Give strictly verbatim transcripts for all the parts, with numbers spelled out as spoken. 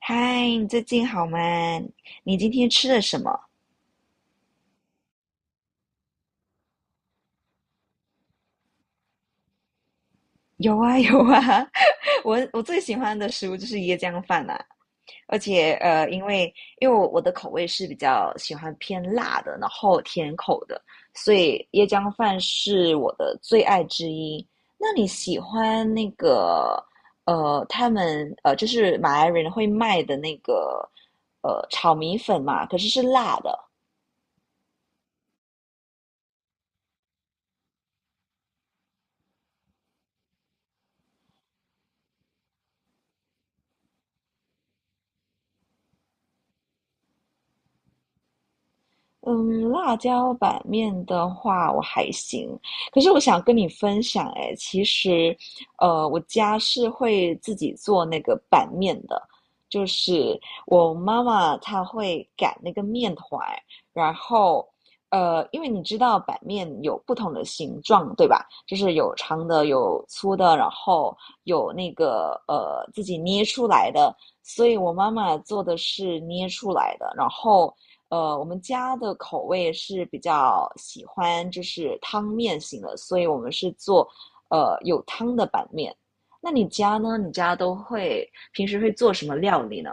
嗨，你最近好吗？你今天吃了什么？有啊，有啊，我我最喜欢的食物就是椰浆饭啦、而且呃，因为因为我我的口味是比较喜欢偏辣的，然后甜口的，所以椰浆饭是我的最爱之一。那你喜欢那个呃，他们呃，就是马来人会卖的那个呃炒米粉嘛？可是是辣的。嗯，辣椒板面的话，我还行。可是我想跟你分享，哎，其实，呃，我家是会自己做那个板面的，就是我妈妈她会擀那个面团，然后，呃，因为你知道板面有不同的形状，对吧？就是有长的，有粗的，然后有那个呃自己捏出来的，所以我妈妈做的是捏出来的，然后。呃，我们家的口味是比较喜欢就是汤面型的，所以我们是做呃有汤的板面。那你家呢？你家都会平时会做什么料理呢？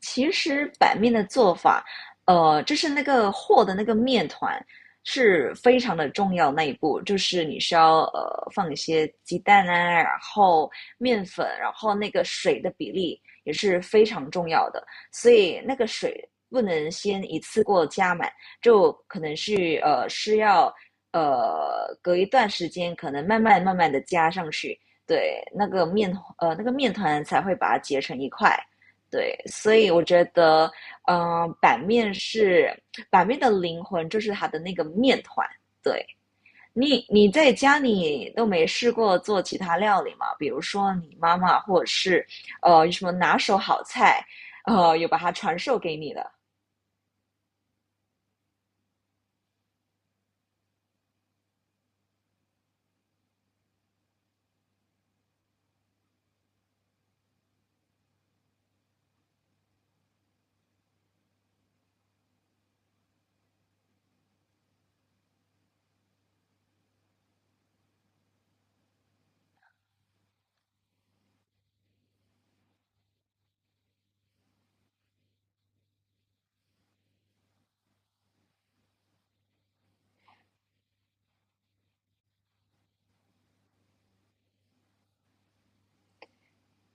其实板面的做法，呃，就是那个和的那个面团是非常的重要那一步，就是你需要呃放一些鸡蛋啊，然后面粉，然后那个水的比例也是非常重要的，所以那个水不能先一次过加满，就可能是呃是要呃隔一段时间，可能慢慢慢慢的加上去，对，那个面呃那个面团才会把它结成一块。对，所以我觉得，嗯，呃版面是版面的灵魂，就是它的那个面团。对，你，你在家里都没试过做其他料理吗？比如说你妈妈，或者是呃有什么拿手好菜，呃有把它传授给你的。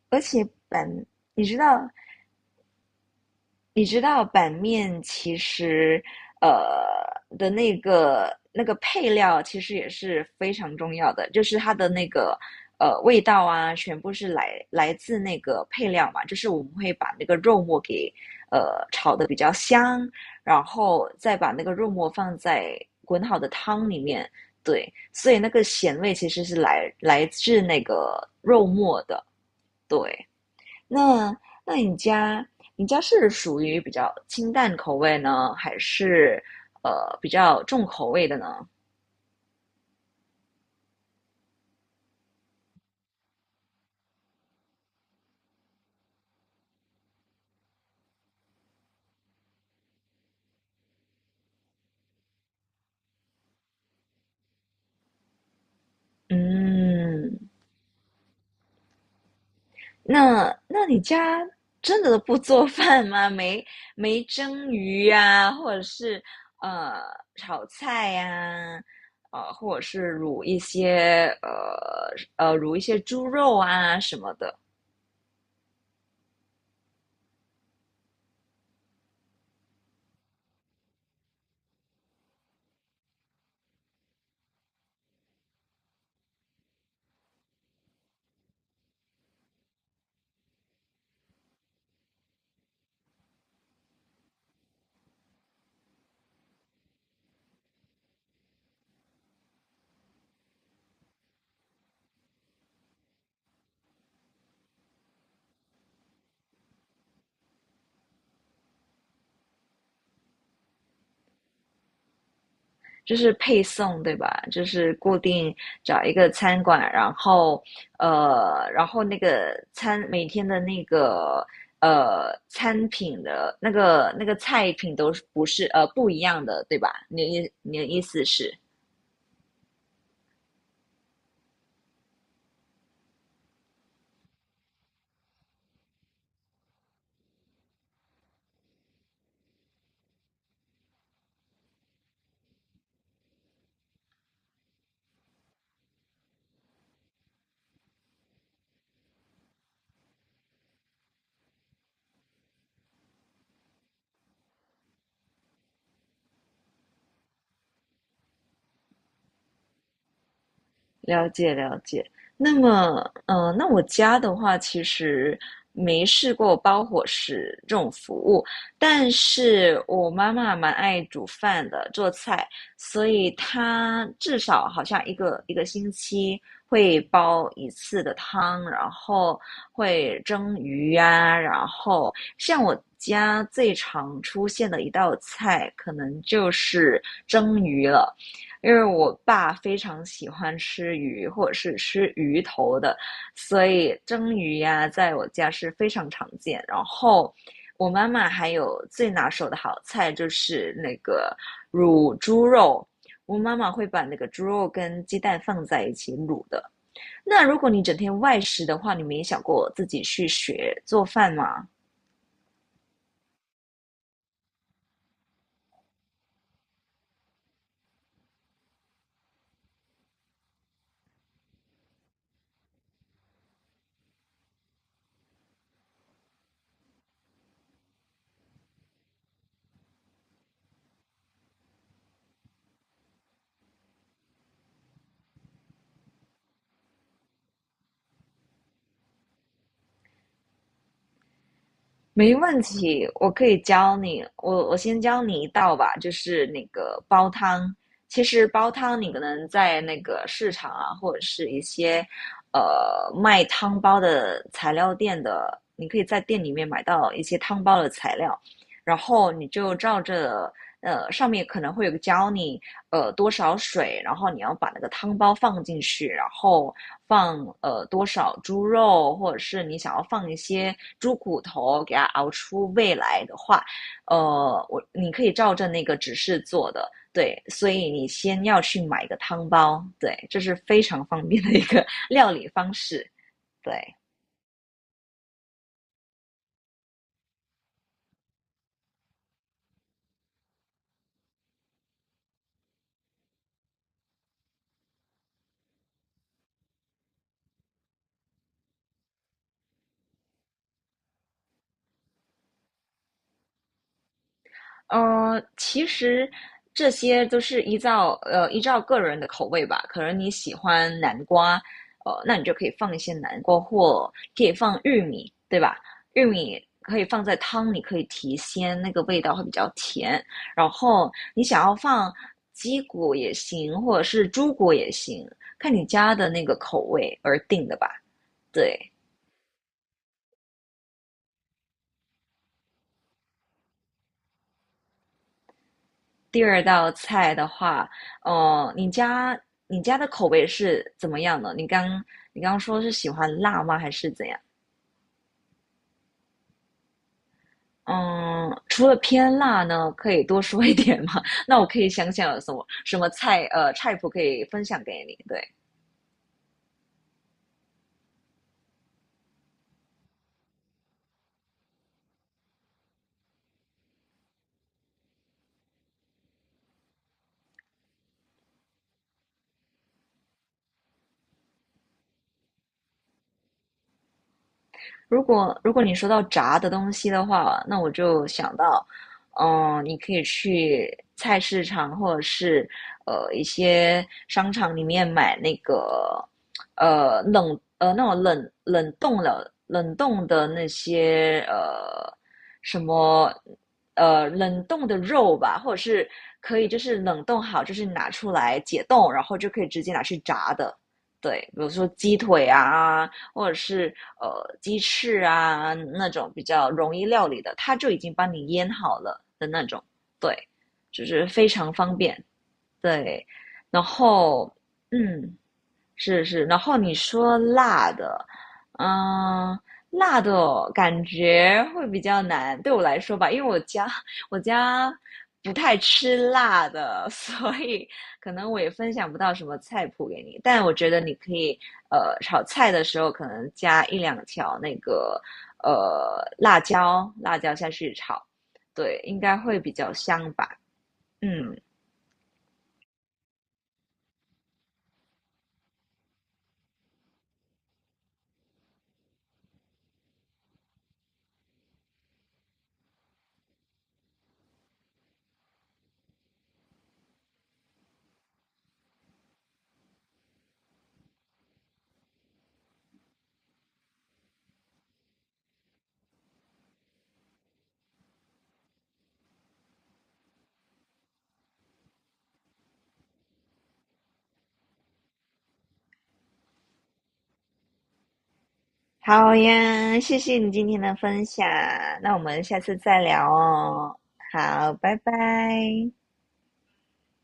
而且本，你知道你知道板面其实，呃的那个那个配料其实也是非常重要的，就是它的那个呃味道啊，全部是来来自那个配料嘛，就是我们会把那个肉末给呃炒的比较香，然后再把那个肉末放在滚好的汤里面，对，所以那个咸味其实是来来自那个肉末的，对。那那你家你家是属于比较清淡口味呢，还是呃比较重口味的呢？嗯，那那你家真的不做 饭吗？没没蒸鱼呀、啊或者是呃炒菜呀，呃，或者是卤一些呃呃卤一些猪肉啊什么的，就是配送，对吧？就是固定找一个餐馆，然后呃，然后那个餐每天的那个呃餐品的那个那个菜品都是不是呃不一样的，对吧？你的意你的意思是，了解了解。那么，呃，那我家的话，其实没试过包伙食这种服务，但是我妈妈蛮爱煮饭的，做菜，所以她至少好像一个一个星期会煲一次的汤，然后会蒸鱼啊，然后像我家最常出现的一道菜，可能就是蒸鱼了。因为我爸非常喜欢吃鱼，或者是吃鱼头的，所以蒸鱼呀、在我家是非常常见。然后我妈妈还有最拿手的好菜就是那个卤猪肉，我妈妈会把那个猪肉跟鸡蛋放在一起卤的。那如果你整天外食的话，你没想过自己去学做饭吗？没问题，我可以教你。我我先教你一道吧，就是那个煲汤。其实煲汤你可能在那个市场啊，或者是一些呃卖汤包的材料店的，你可以在店里面买到一些汤包的材料，然后你就照着呃，上面可能会有个教你，呃，多少水，然后你要把那个汤包放进去，然后放呃多少猪肉，或者是你想要放一些猪骨头，给它熬出味来的话，呃，我你可以照着那个指示做的，对，所以你先要去买一个汤包，对，这是非常方便的一个 料理方式，对。呃，其实这些都是依照呃依照个人的口味吧。可能你喜欢南瓜，呃，那你就可以放一些南瓜，或可以放玉米，对吧？玉米可以放在汤里，可以提鲜，那个味道会比较甜。然后你想要放鸡骨也行，或者是猪骨也行，看你家的那个口味而定的吧。对。第二道菜的话，呃，你家你家的口味是怎么样的？你刚你刚说是喜欢辣吗？还是怎样？嗯，除了偏辣呢，可以多说一点吗？那我可以想想有什么什么菜，呃，菜谱可以分享给你。对，如果如果你说到炸的东西的话，那我就想到，嗯、你可以去菜市场或者是呃一些商场里面买那个呃冷呃那种冷冷冻的冷冻的那些呃什么呃冷冻的肉吧，或者是可以就是冷冻好，就是拿出来解冻，然后就可以直接拿去炸的。对，比如说鸡腿啊，或者是呃鸡翅啊那种比较容易料理的，它就已经帮你腌好了的那种，对，就是非常方便，对。然后，嗯，是是，然后你说辣的，嗯，辣的感觉会比较难，对我来说吧，因为我家我家不太吃辣的，所以可能我也分享不到什么菜谱给你。但我觉得你可以，呃，炒菜的时候可能加一两条那个呃辣椒，辣椒下去炒，对，应该会比较香吧。嗯，好呀，谢谢你今天的分享，那我们下次再聊哦。好，拜拜。